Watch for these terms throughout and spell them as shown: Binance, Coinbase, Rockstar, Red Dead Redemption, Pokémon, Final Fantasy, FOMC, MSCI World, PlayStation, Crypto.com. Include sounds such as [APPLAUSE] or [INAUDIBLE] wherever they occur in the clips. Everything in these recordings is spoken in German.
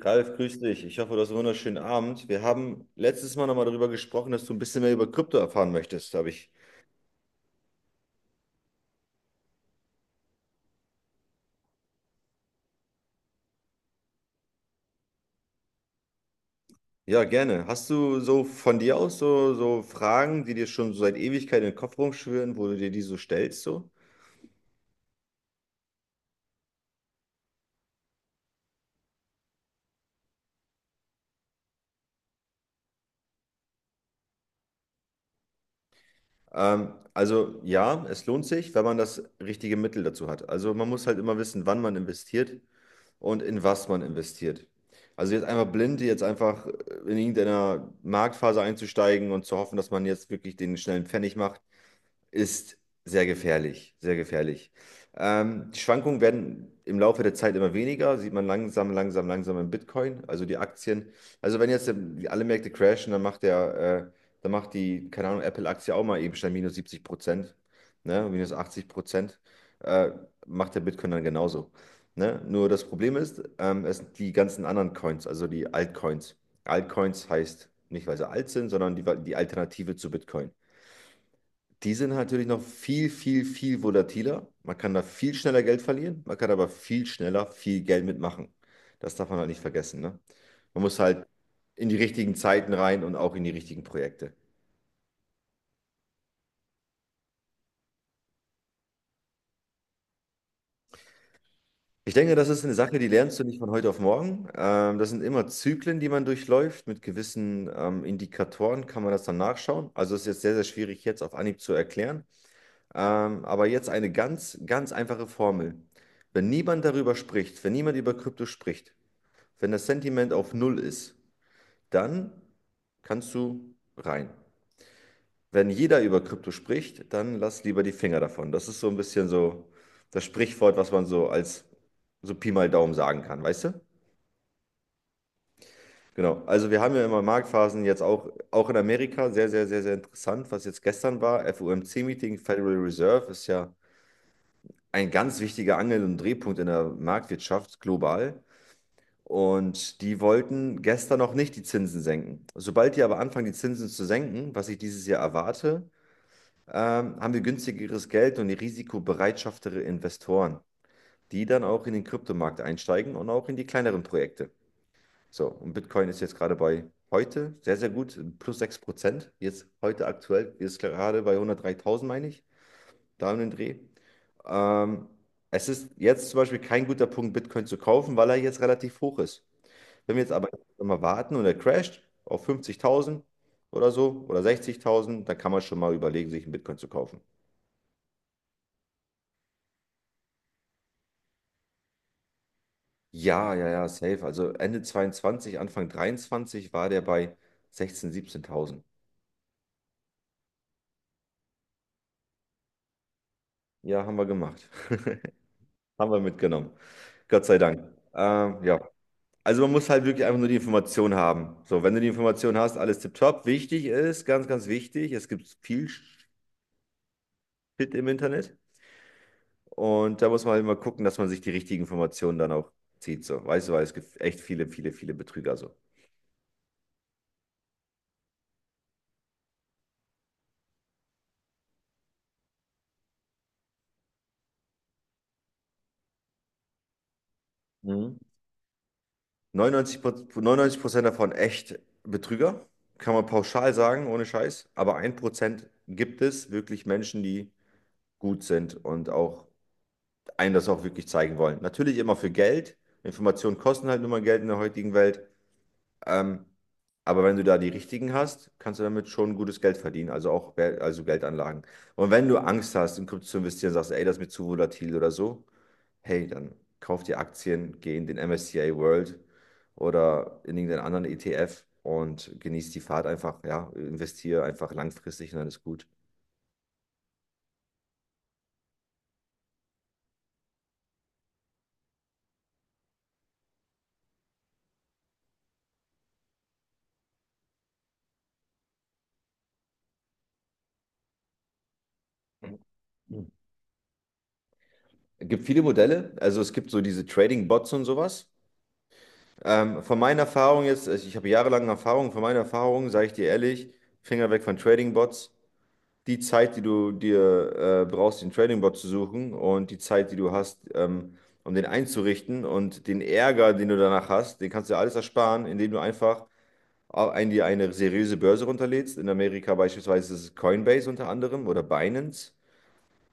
Ralf, grüß dich. Ich hoffe, du hast einen wunderschönen Abend. Wir haben letztes Mal nochmal darüber gesprochen, dass du ein bisschen mehr über Krypto erfahren möchtest, habe ich. Ja, gerne. Hast du so von dir aus so, Fragen, die dir schon so seit Ewigkeit in den Kopf rumschwirren, wo du dir die so stellst, so? Also ja, es lohnt sich, wenn man das richtige Mittel dazu hat. Also man muss halt immer wissen, wann man investiert und in was man investiert. Also jetzt einfach blind, jetzt einfach in irgendeiner Marktphase einzusteigen und zu hoffen, dass man jetzt wirklich den schnellen Pfennig macht, ist sehr gefährlich, sehr gefährlich. Die Schwankungen werden im Laufe der Zeit immer weniger, sieht man langsam, langsam, langsam im Bitcoin, also die Aktien. Also wenn jetzt alle Märkte crashen, äh, dann macht die, keine Ahnung, Apple-Aktie auch mal eben schnell minus 70%, ne, minus 80%, äh, macht der Bitcoin dann genauso. Ne? Nur das Problem ist, es sind die ganzen anderen Coins, also die Altcoins. Altcoins heißt nicht, weil sie alt sind, sondern die Alternative zu Bitcoin. Die sind halt natürlich noch viel, viel, viel volatiler. Man kann da viel schneller Geld verlieren, man kann aber viel schneller viel Geld mitmachen. Das darf man halt nicht vergessen, ne? Man muss halt in die richtigen Zeiten rein und auch in die richtigen Projekte. Ich denke, das ist eine Sache, die lernst du nicht von heute auf morgen. Das sind immer Zyklen, die man durchläuft. Mit gewissen Indikatoren kann man das dann nachschauen. Also es ist jetzt sehr, sehr schwierig, jetzt auf Anhieb zu erklären. Aber jetzt eine ganz, ganz einfache Formel. Wenn niemand darüber spricht, wenn niemand über Krypto spricht, wenn das Sentiment auf Null ist, dann kannst du rein. Wenn jeder über Krypto spricht, dann lass lieber die Finger davon. Das ist so ein bisschen so das Sprichwort, was man so als so Pi mal Daumen sagen kann, weißt du? Genau. Also wir haben ja immer Marktphasen jetzt auch, auch in Amerika, sehr, sehr, sehr, sehr interessant, was jetzt gestern war. FOMC-Meeting, Federal Reserve ist ja ein ganz wichtiger Angel- und Drehpunkt in der Marktwirtschaft global. Und die wollten gestern noch nicht die Zinsen senken. Sobald die aber anfangen, die Zinsen zu senken, was ich dieses Jahr erwarte, haben wir günstigeres Geld und risikobereitschaftere Investoren, die dann auch in den Kryptomarkt einsteigen und auch in die kleineren Projekte. So, und Bitcoin ist jetzt gerade bei heute sehr, sehr gut, plus 6%. Jetzt heute aktuell ist gerade bei 103.000, meine ich, da um den Dreh. Ähm, Es ist jetzt zum Beispiel kein guter Punkt, Bitcoin zu kaufen, weil er jetzt relativ hoch ist. Wenn wir jetzt aber immer warten und er crasht auf 50.000 oder so oder 60.000, dann kann man schon mal überlegen, sich einen Bitcoin zu kaufen. Ja, ja, ja, safe. Also Ende 22, Anfang 23 war der bei 16.000, 17.000. Ja, haben wir gemacht. [LAUGHS] Haben wir mitgenommen. Gott sei Dank. Ja, also man muss halt wirklich einfach nur die Information haben. So, wenn du die Information hast, alles tipptopp. Wichtig ist, ganz, ganz wichtig, es gibt viel Shit im Internet. Und da muss man halt immer gucken, dass man sich die richtigen Informationen dann auch zieht. So. Weißt du, weil es gibt echt viele, viele, viele Betrüger so. Mhm. 99, 99% davon echt Betrüger, kann man pauschal sagen, ohne Scheiß. Aber 1% gibt es wirklich Menschen, die gut sind und auch einem das auch wirklich zeigen wollen. Natürlich immer für Geld. Informationen kosten halt nur mal Geld in der heutigen Welt. Ähm, aber wenn du da die richtigen hast, kannst du damit schon gutes Geld verdienen, also auch also Geldanlagen. Und wenn du Angst hast, in Krypto zu investieren, sagst, ey, das ist mir zu volatil oder so, hey, dann kauf dir Aktien, geh in den MSCI World oder in irgendeinen anderen ETF und genieß die Fahrt einfach, ja, investiere einfach langfristig und dann ist gut. Mhm. Es gibt viele Modelle, also es gibt so diese Trading-Bots und sowas. Von meiner Erfahrung jetzt, ich habe jahrelange Erfahrung, von meiner Erfahrung sage ich dir ehrlich, Finger weg von Trading-Bots. Die Zeit, die du dir brauchst, den Trading-Bot zu suchen, und die Zeit, die du hast, um den einzurichten, und den Ärger, den du danach hast, den kannst du dir alles ersparen, indem du einfach dir eine seriöse Börse runterlädst. In Amerika beispielsweise ist es Coinbase unter anderem oder Binance.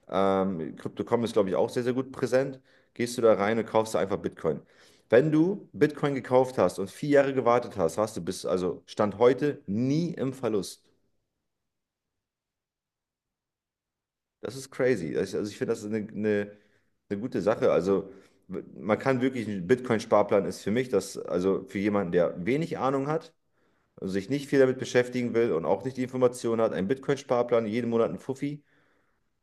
Crypto.com ist, glaube ich, auch sehr, sehr gut präsent. Gehst du da rein und kaufst da einfach Bitcoin. Wenn du Bitcoin gekauft hast und 4 Jahre gewartet hast, hast du bis, also Stand heute, nie im Verlust. Das ist crazy. Also ich finde, das ist eine gute Sache. Also man kann wirklich, ein Bitcoin-Sparplan ist für mich das, also für jemanden, der wenig Ahnung hat, also sich nicht viel damit beschäftigen will und auch nicht die Informationen hat, ein Bitcoin-Sparplan, jeden Monat ein Fuffi,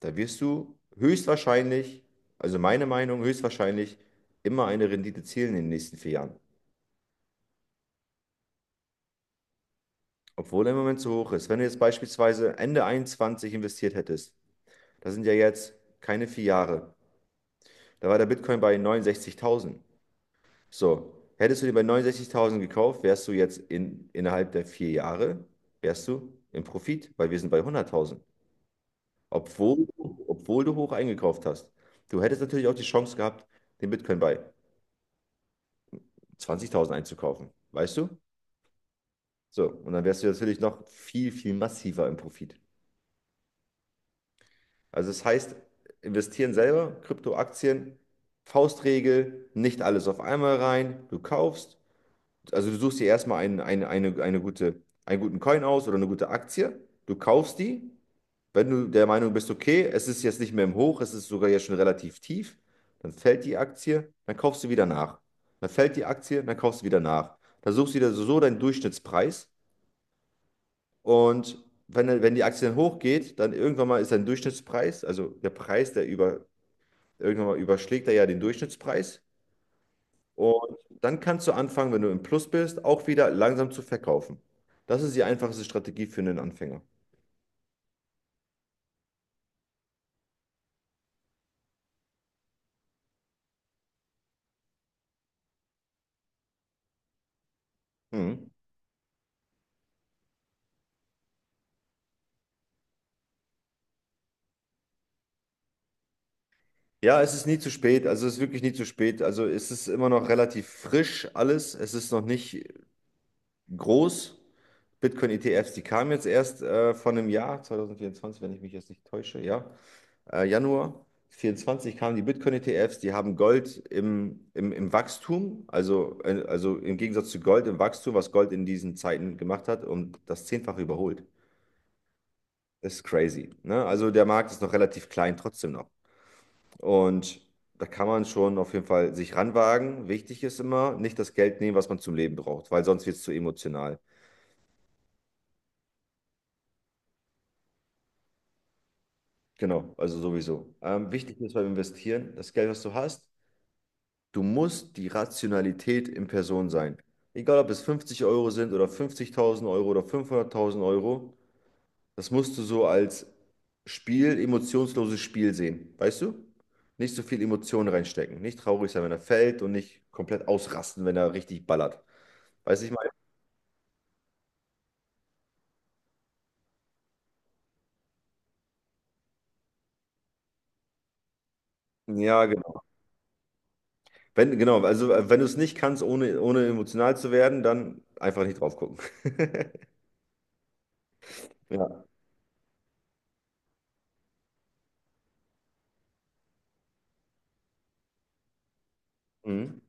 da wirst du höchstwahrscheinlich, also meine Meinung, höchstwahrscheinlich immer eine Rendite zielen in den nächsten 4 Jahren. Obwohl er im Moment so hoch ist. Wenn du jetzt beispielsweise Ende 21 investiert hättest, das sind ja jetzt keine 4 Jahre, da war der Bitcoin bei 69.000. So, hättest du den bei 69.000 gekauft, wärst du jetzt innerhalb der 4 Jahre, wärst du im Profit, weil wir sind bei 100.000, obwohl du hoch eingekauft hast. Du hättest natürlich auch die Chance gehabt, den Bitcoin bei 20.000 einzukaufen, weißt du? So, und dann wärst du natürlich noch viel, viel massiver im Profit. Also das heißt, investieren selber, Kryptoaktien, Faustregel, nicht alles auf einmal rein, du kaufst, also du suchst dir erstmal eine gute, einen guten Coin aus oder eine gute Aktie. Du kaufst die. Wenn du der Meinung bist, okay, es ist jetzt nicht mehr im Hoch, es ist sogar jetzt schon relativ tief, dann fällt die Aktie, dann kaufst du wieder nach. Dann fällt die Aktie, dann kaufst du wieder nach. Dann suchst du wieder so deinen Durchschnittspreis. Und wenn die Aktie dann hochgeht, dann irgendwann mal ist dein Durchschnittspreis, also der Preis, der über, irgendwann mal überschlägt er ja den Durchschnittspreis. Und dann kannst du anfangen, wenn du im Plus bist, auch wieder langsam zu verkaufen. Das ist die einfachste Strategie für einen Anfänger. Mhm. Ja, es ist nie zu spät. Also es ist wirklich nie zu spät. Also es ist immer noch relativ frisch alles. Es ist noch nicht groß. Bitcoin-ETFs, die kamen jetzt erst von einem Jahr, 2024, wenn ich mich jetzt nicht täusche, ja. Januar 24 kamen die Bitcoin-ETFs, die haben Gold im Wachstum, also im Gegensatz zu Gold im Wachstum, was Gold in diesen Zeiten gemacht hat, um das Zehnfache überholt. Das ist crazy. Ne? Also der Markt ist noch relativ klein, trotzdem noch. Und da kann man schon auf jeden Fall sich ranwagen. Wichtig ist immer, nicht das Geld nehmen, was man zum Leben braucht, weil sonst wird es zu emotional. Genau, also sowieso. Wichtig ist beim Investieren, das Geld, was du hast. Du musst die Rationalität in Person sein. Egal, ob es 50 Euro sind oder 50.000 Euro oder 500.000 Euro, das musst du so als Spiel, emotionsloses Spiel sehen. Weißt du? Nicht so viel Emotionen reinstecken. Nicht traurig sein, wenn er fällt, und nicht komplett ausrasten, wenn er richtig ballert. Weißt du, ich meine? Ja, genau. Wenn, Genau, also wenn du es nicht kannst, ohne, emotional zu werden, dann einfach nicht drauf gucken. [LAUGHS] Ja. Mhm.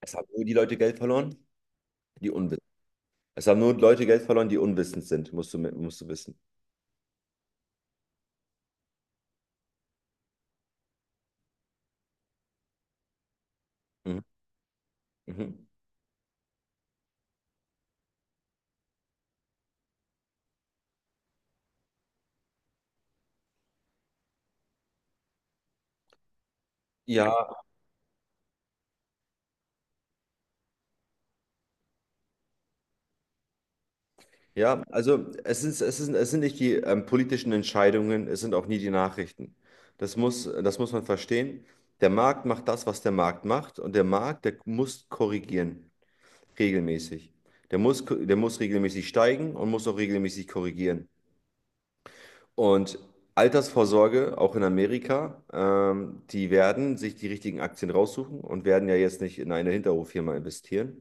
Es haben nur die Leute Geld verloren, die unwissend. Es haben nur Leute Geld verloren, die unwissend sind, musst du wissen. Mhm. Mhm. Ja, ja, also es sind nicht die politischen Entscheidungen, es sind auch nie die Nachrichten. Das muss man verstehen. Der Markt macht das, was der Markt macht, und der Markt, der muss korrigieren, regelmäßig. Der muss regelmäßig steigen und muss auch regelmäßig korrigieren. Und Altersvorsorge, auch in Amerika, die werden sich die richtigen Aktien raussuchen und werden ja jetzt nicht in eine Hinterhoffirma investieren.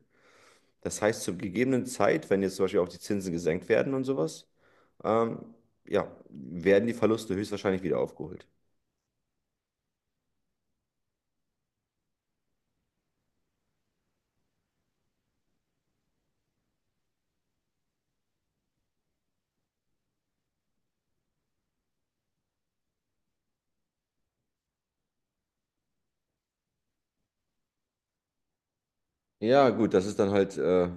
Das heißt, zur gegebenen Zeit, wenn jetzt zum Beispiel auch die Zinsen gesenkt werden und sowas, ähm, ja, werden die Verluste höchstwahrscheinlich wieder aufgeholt. Ja, gut, das ist dann halt,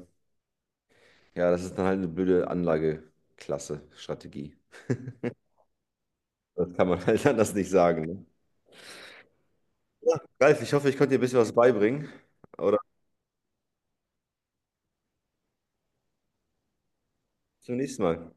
ja, das ist dann halt eine blöde Anlageklasse, Strategie. Das kann man [LAUGHS] halt anders nicht sagen. Ne? Ja, Ralf, ich hoffe, ich konnte dir ein bisschen was beibringen. Oder bis zum nächsten Mal.